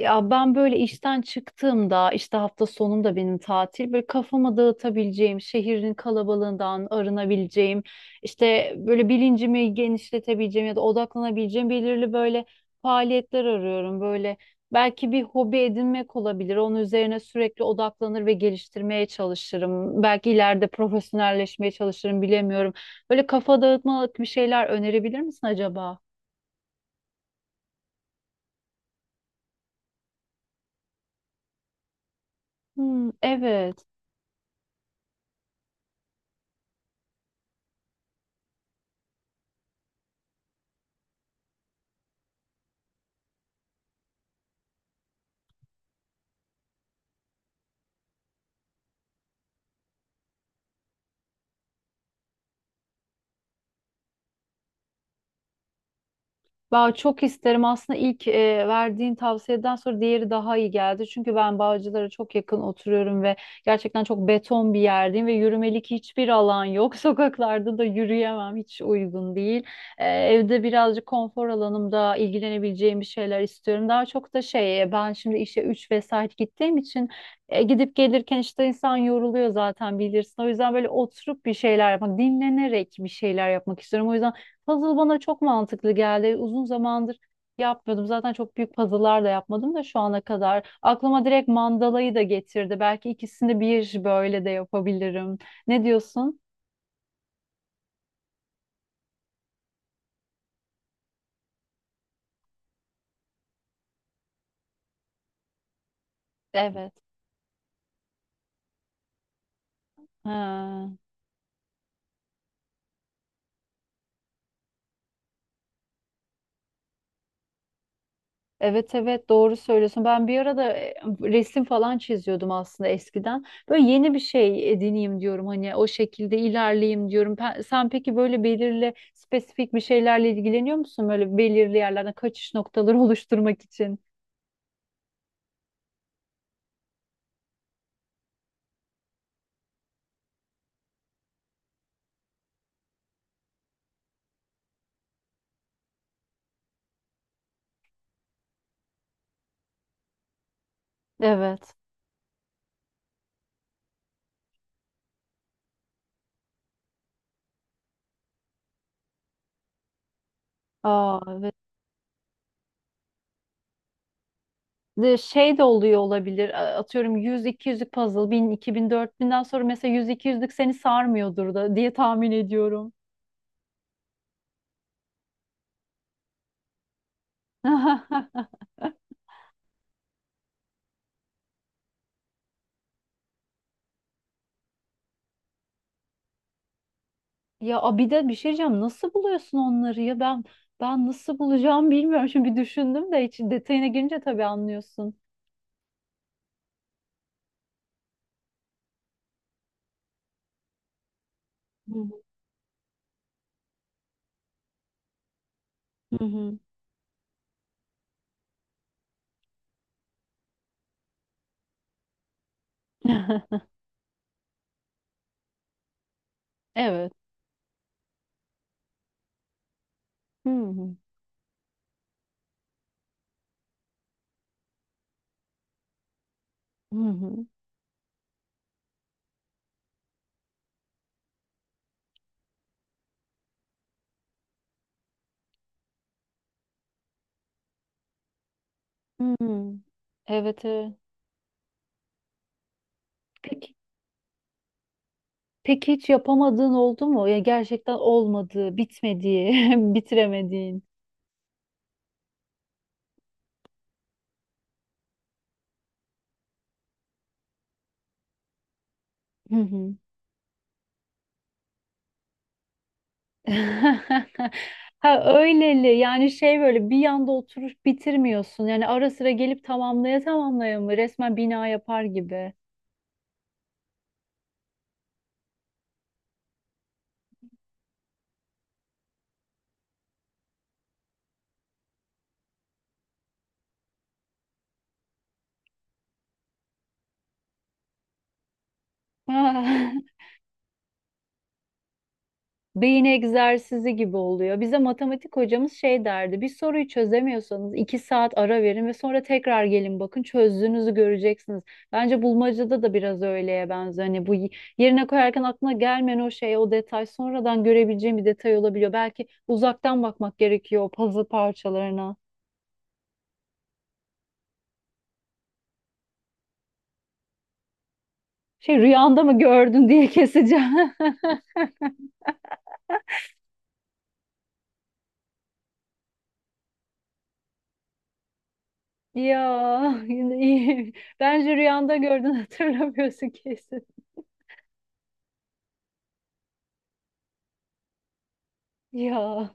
Ya ben böyle işten çıktığımda işte hafta sonum da benim tatil böyle kafama dağıtabileceğim, şehrin kalabalığından arınabileceğim, işte böyle bilincimi genişletebileceğim ya da odaklanabileceğim belirli böyle faaliyetler arıyorum. Böyle belki bir hobi edinmek olabilir. Onun üzerine sürekli odaklanır ve geliştirmeye çalışırım. Belki ileride profesyonelleşmeye çalışırım, bilemiyorum. Böyle kafa dağıtmalık bir şeyler önerebilir misin acaba? Hmm, evet. Ben çok isterim aslında, ilk verdiğin tavsiyeden sonra diğeri daha iyi geldi. Çünkü ben Bağcılar'a çok yakın oturuyorum ve gerçekten çok beton bir yerdeyim ve yürümelik hiçbir alan yok. Sokaklarda da yürüyemem, hiç uygun değil. Evde birazcık konfor alanımda ilgilenebileceğim bir şeyler istiyorum. Daha çok da şey, ben şimdi işe 3 vesaire gittiğim için gidip gelirken işte insan yoruluyor zaten, bilirsin. O yüzden böyle oturup bir şeyler yapmak, dinlenerek bir şeyler yapmak istiyorum. O yüzden puzzle bana çok mantıklı geldi. Uzun zamandır yapmıyordum. Zaten çok büyük puzzle'lar da yapmadım da şu ana kadar. Aklıma direkt mandalayı da getirdi. Belki ikisini bir böyle de yapabilirim. Ne diyorsun? Evet. Ha. Evet, evet, doğru söylüyorsun. Ben bir arada resim falan çiziyordum aslında eskiden. Böyle yeni bir şey edineyim diyorum. Hani o şekilde ilerleyeyim diyorum. Sen peki böyle belirli spesifik bir şeylerle ilgileniyor musun? Böyle belirli yerlerden kaçış noktaları oluşturmak için. Evet. Aa, evet. De şey de oluyor olabilir. Atıyorum, yüz iki 200'lük puzzle, bin, iki bin, dört binden sonra mesela yüz iki 200'lük seni sarmıyordur da diye tahmin ediyorum. Ya bir de bir şey diyeceğim. Nasıl buluyorsun onları ya? Ben nasıl bulacağım bilmiyorum. Şimdi bir düşündüm de hiç, detayına girince tabii anlıyorsun. Hı hı. Hı hı. Evet. Hı hı. Hı hı. Hı. Evet, evet. Peki, peki hiç yapamadığın oldu mu? Ya gerçekten olmadı, bitmediği, bitiremediğin. Hı hı. Ha, öyleli yani, şey, böyle bir yanda oturup bitirmiyorsun. Yani ara sıra gelip tamamlaya tamamlaya mı, resmen bina yapar gibi. Beyin egzersizi gibi oluyor. Bize matematik hocamız şey derdi: bir soruyu çözemiyorsanız 2 saat ara verin ve sonra tekrar gelin, bakın çözdüğünüzü göreceksiniz. Bence bulmacada da biraz öyleye benziyor. Hani bu yerine koyarken aklına gelmeyen o şey, o detay sonradan görebileceğim bir detay olabiliyor. Belki uzaktan bakmak gerekiyor o puzzle parçalarına. Şey, rüyanda mı gördün diye keseceğim. Ya, yine iyi. Bence rüyanda gördün, hatırlamıyorsun kesin. Ya.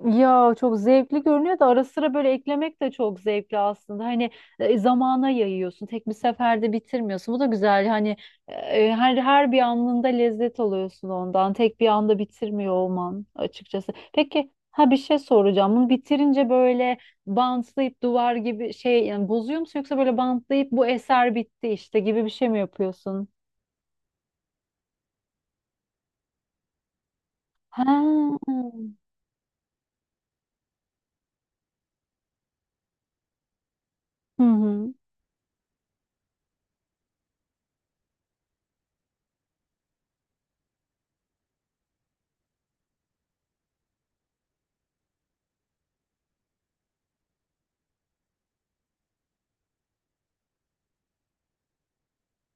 Ya çok zevkli görünüyor da ara sıra böyle eklemek de çok zevkli aslında. Hani zamana yayıyorsun. Tek bir seferde bitirmiyorsun. Bu da güzel. Hani her bir anında lezzet alıyorsun ondan. Tek bir anda bitirmiyor olman, açıkçası. Peki, ha, bir şey soracağım. Bunu bitirince böyle bantlayıp duvar gibi şey, yani bozuyor musun, yoksa böyle bantlayıp bu eser bitti işte gibi bir şey mi yapıyorsun? Ha. Hı hı.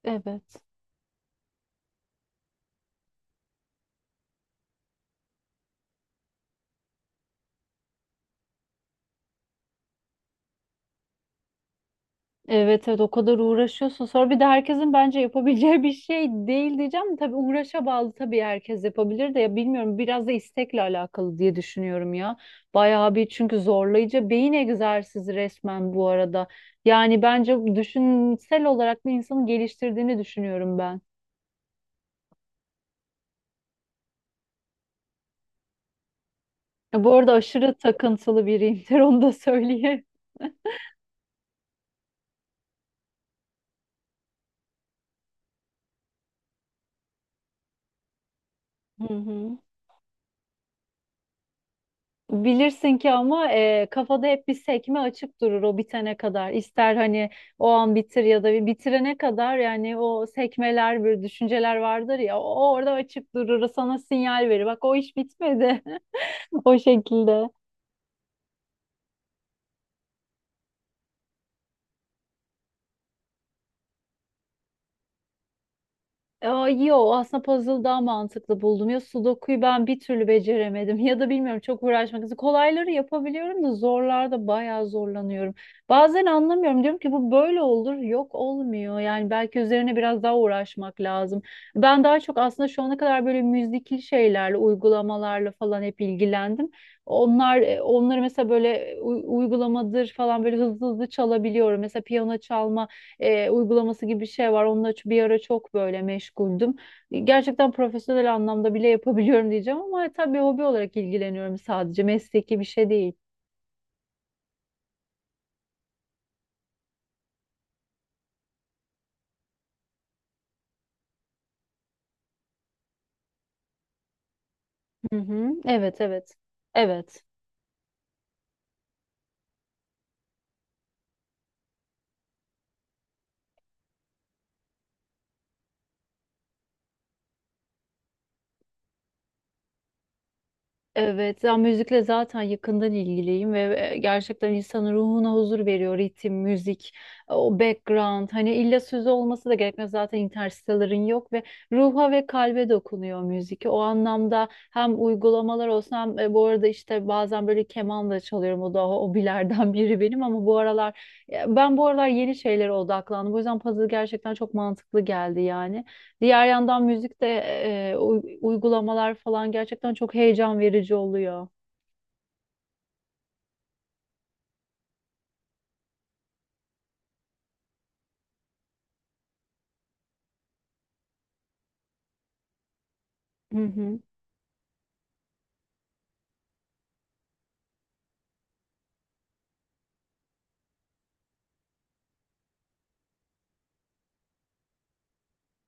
Evet. Evet, evet, o kadar uğraşıyorsun. Sonra bir de herkesin bence yapabileceği bir şey değil diyeceğim. De Tabii uğraşa bağlı, tabii herkes yapabilir de, ya bilmiyorum, biraz da istekle alakalı diye düşünüyorum ya. Bayağı bir, çünkü zorlayıcı beyin egzersizi resmen bu arada. Yani bence düşünsel olarak da insanı geliştirdiğini düşünüyorum ben. Ya, bu arada aşırı takıntılı biriyimdir, onu da söyleyeyim. Hı hı. Bilirsin ki ama kafada hep bir sekme açık durur o bitene kadar. İster hani o an bitir ya da bir bitirene kadar, yani o sekmeler, böyle düşünceler vardır ya, o orada açık durur, sana sinyal verir. Bak, o iş bitmedi o şekilde. Aa, yo, aslında puzzle daha mantıklı buldum. Ya sudoku'yu ben bir türlü beceremedim, ya da bilmiyorum, çok uğraşmak istedim. Kolayları yapabiliyorum da zorlarda bayağı zorlanıyorum. Bazen anlamıyorum, diyorum ki bu böyle olur, yok olmuyor. Yani belki üzerine biraz daha uğraşmak lazım. Ben daha çok aslında şu ana kadar böyle müzikli şeylerle, uygulamalarla falan hep ilgilendim. Onları mesela böyle uygulamadır falan, böyle hızlı hızlı çalabiliyorum. Mesela piyano çalma uygulaması gibi bir şey var. Onunla bir ara çok böyle meşguldüm. Gerçekten profesyonel anlamda bile yapabiliyorum diyeceğim ama tabii hobi olarak ilgileniyorum sadece. Mesleki bir şey değil. Hı hı. Evet, evet. Evet. Evet, ya müzikle zaten yakından ilgiliyim ve gerçekten insanın ruhuna huzur veriyor ritim, müzik, o background. Hani illa sözü olması da gerekmez, zaten interstellar'ın yok, ve ruha ve kalbe dokunuyor müzik. O anlamda hem uygulamalar olsun hem bu arada işte bazen böyle keman da çalıyorum. O da hobilerden biri benim, ama bu aralar, ya ben bu aralar yeni şeylere odaklandım. O yüzden puzzle gerçekten çok mantıklı geldi yani. Diğer yandan müzikte uygulamalar falan gerçekten çok heyecan verici oluyor. Hı hı.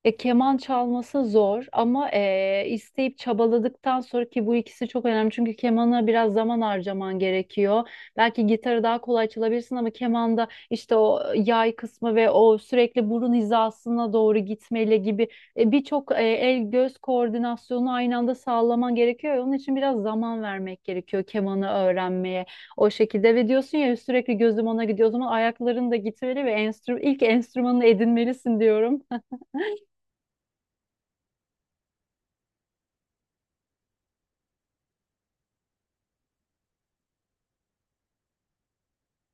Keman çalması zor, ama isteyip çabaladıktan sonra, ki bu ikisi çok önemli. Çünkü kemana biraz zaman harcaman gerekiyor. Belki gitarı daha kolay çalabilirsin ama kemanda işte o yay kısmı ve o sürekli burun hizasına doğru gitmeyle gibi birçok el göz koordinasyonu aynı anda sağlaman gerekiyor. Onun için biraz zaman vermek gerekiyor kemanı öğrenmeye. O şekilde, ve diyorsun ya sürekli gözüm ona gidiyor. O zaman ayakların da gitmeli ve ilk enstrümanını edinmelisin diyorum.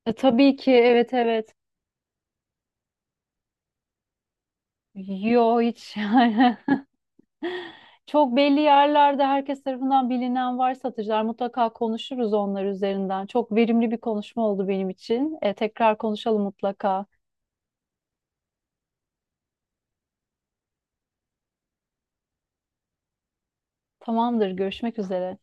Tabii ki, evet, evet. Yo, hiç yani. Çok belli yerlerde herkes tarafından bilinen var satıcılar. Mutlaka konuşuruz onlar üzerinden. Çok verimli bir konuşma oldu benim için. Tekrar konuşalım mutlaka. Tamamdır, görüşmek üzere.